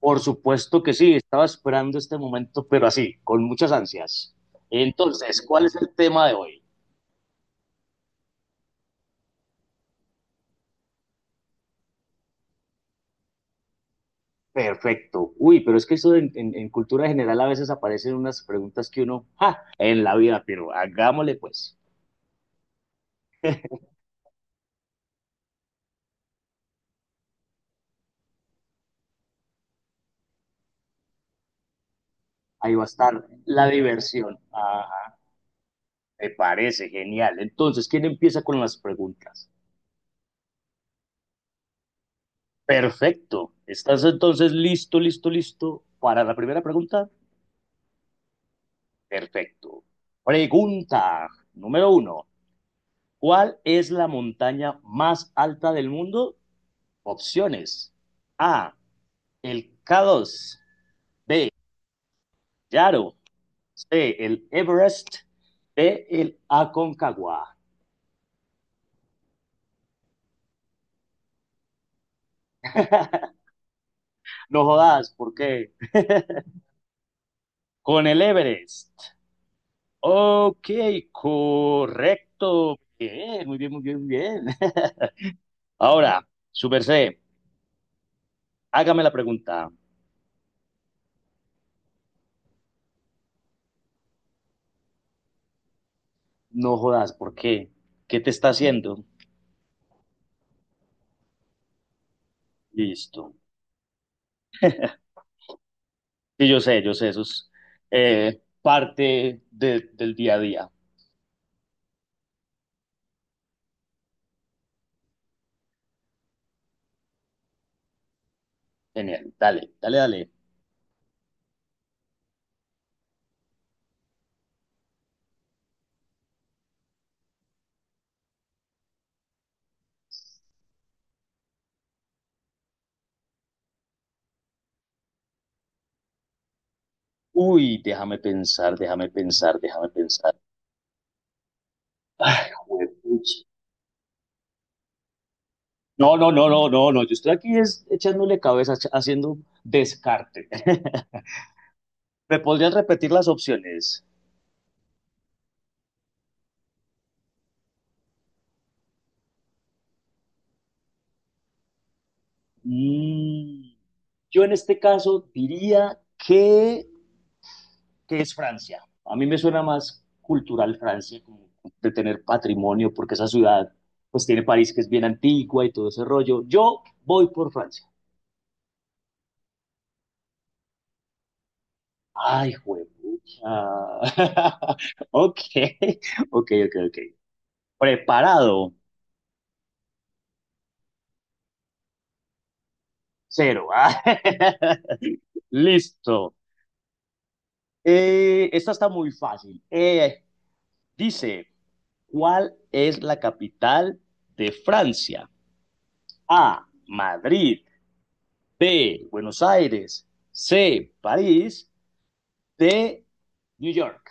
Por supuesto que sí, estaba esperando este momento, pero así, con muchas ansias. Entonces, ¿cuál es el tema de hoy? Perfecto. Uy, pero es que eso en cultura general a veces aparecen unas preguntas que uno, ¡ja! En la vida, pero hagámosle pues. Ahí va a estar la diversión. Ajá, me parece genial. Entonces, ¿quién empieza con las preguntas? Perfecto. ¿Estás entonces listo, listo, listo para la primera pregunta? Perfecto. Pregunta número uno. ¿Cuál es la montaña más alta del mundo? Opciones. A, el K2. B, Yaro. C, el Everest. D, el Aconcagua. No jodas, ¿por qué? Con el Everest. Ok, correcto. Bien, muy bien, muy bien, muy bien. Ahora, Super C, hágame la pregunta. No jodas, ¿por qué? ¿Qué te está haciendo? Listo. Sí, yo sé, eso es del día a día. Genial, dale, dale, dale. Uy, déjame pensar, déjame pensar, déjame pensar. Ay, juepucha. No, no, no, no, no, no. Yo estoy aquí es echándole cabeza, haciendo descarte. ¿Me podrías repetir las opciones? Mm, yo en este caso diría que, ¿qué es Francia? A mí me suena más cultural Francia, como de tener patrimonio, porque esa ciudad, pues tiene París que es bien antigua y todo ese rollo. Yo voy por Francia. Ay, juepucha. Ok, ok, ok, ok. Preparado, cero. Listo. Esta está muy fácil. Dice, ¿cuál es la capital de Francia? A, Madrid. B, Buenos Aires. C, París. D, New York.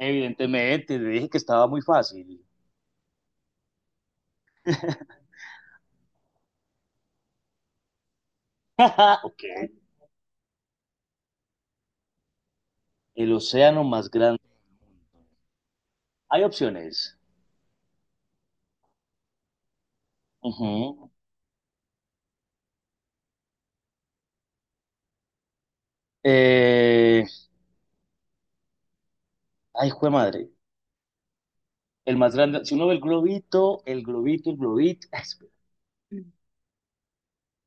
Evidentemente, le dije que estaba muy fácil. Ok. El océano más grande. Hay opciones. Ujú. Eh, ay, jue madre. El más grande. Si uno ve el globito, el globito, el globito. Espera.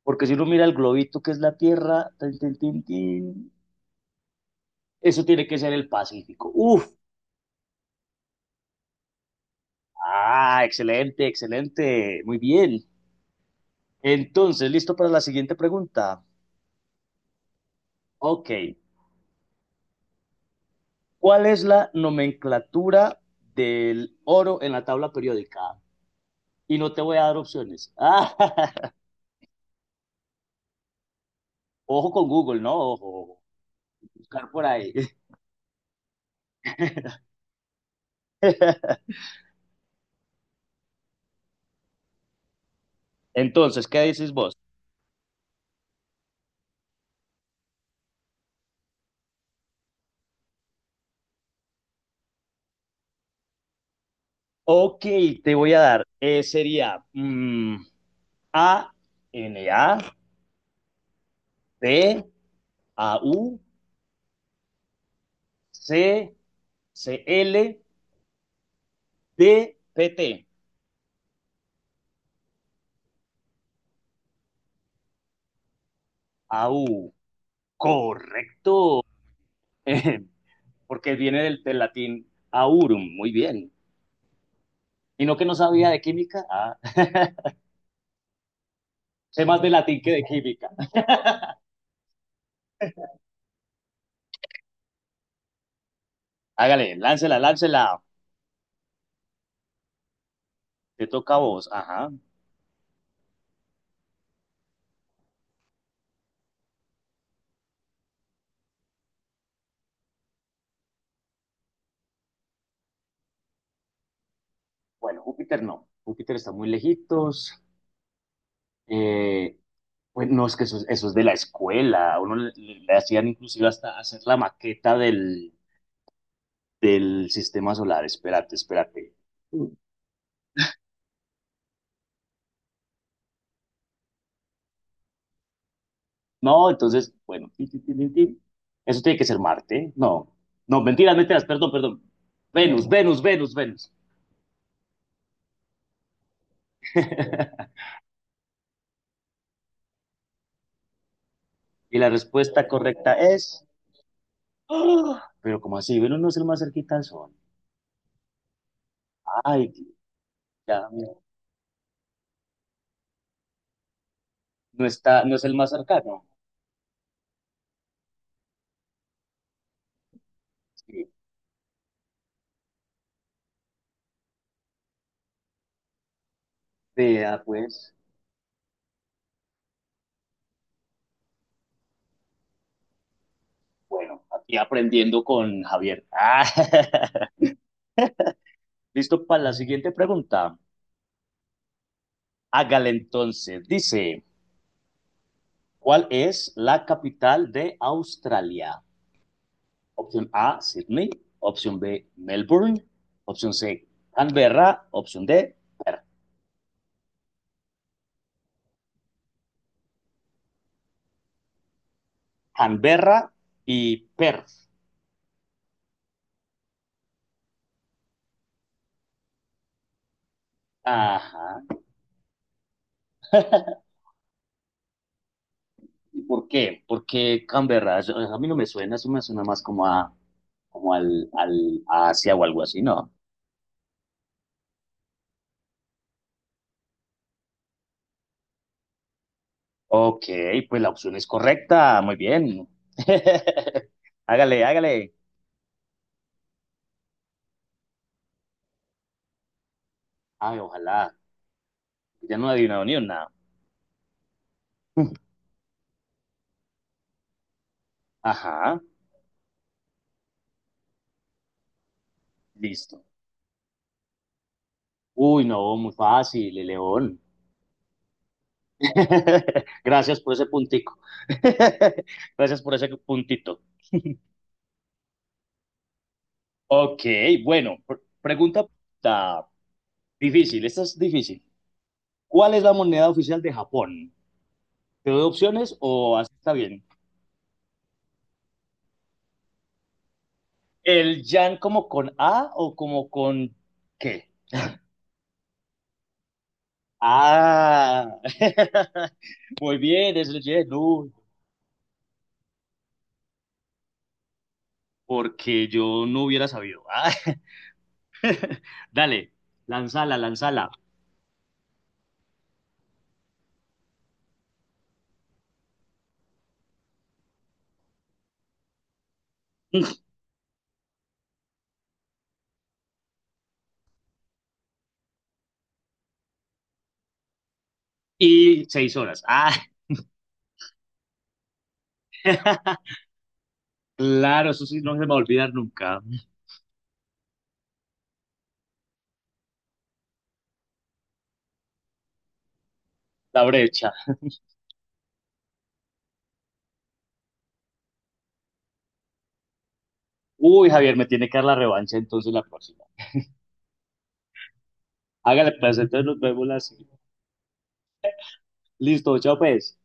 Porque si uno mira el globito que es la Tierra, tin, tin, tin, tin, eso tiene que ser el Pacífico. Uf. Ah, excelente, excelente. Muy bien. Entonces, listo para la siguiente pregunta. Ok, ¿cuál es la nomenclatura del oro en la tabla periódica? Y no te voy a dar opciones. Ah, ojo con Google, ¿no? Ojo, ojo, buscar por ahí. Entonces, ¿qué dices vos? Ok, te voy a dar, sería, A, N, A, P, A, U, C, C, L, D, P, T. Au. Correcto. Porque viene del latín aurum, muy bien. Y no que no sabía de química, ah, sé más de latín que de química. Hágale, láncela, láncela, te toca a vos, ajá. Bueno, Júpiter no, Júpiter está muy lejitos, eh, pues no, es que eso, eso es de la escuela, a uno le hacían inclusive hasta hacer la maqueta del sistema solar, espérate, espérate. Mm. No, entonces, bueno, tin, tin, tin, tin, tin. Eso tiene que ser Marte. No, no, mentiras, mentiras, perdón, perdón. Venus, Venus, Venus, Venus. Y la respuesta correcta es... ¡Ah! Pero ¿cómo así? Venus no es el más cerquita al Sol. Ay, ya, mira, no está, no es el más cercano. Sí, vea, pues, bueno, aquí aprendiendo con Javier. Ah, listo para la siguiente pregunta. Hágale entonces. Dice, ¿cuál es la capital de Australia? Opción A, Sydney. Opción B, Melbourne. Opción C, Canberra. Opción D, Canberra y Perth. Ajá. ¿Y por qué? Porque Canberra, a mí no me suena, eso me suena más como a, como al, al a Asia o algo así, ¿no? Ok, pues la opción es correcta, muy bien. Hágale, hágale. Ay, ojalá, ya no ha adivinado ni una. Ajá, listo. Uy, no, muy fácil, León. Gracias por ese puntico. Gracias por ese puntito. Ok, bueno, pregunta ah, difícil, esta es difícil. ¿Cuál es la moneda oficial de Japón? ¿Te doy opciones o así está bien? ¿El yan como con A o como con qué? Ah, muy bien, es el yen, uy, porque yo no hubiera sabido. Ah, dale, lánzala, lánzala. Y 6 horas. Ah. Claro, eso sí no se me va a olvidar nunca. La brecha. Uy, Javier, me tiene que dar la revancha entonces la próxima. Hágale placer, entonces nos vemos la siguiente. Listo, chao pues.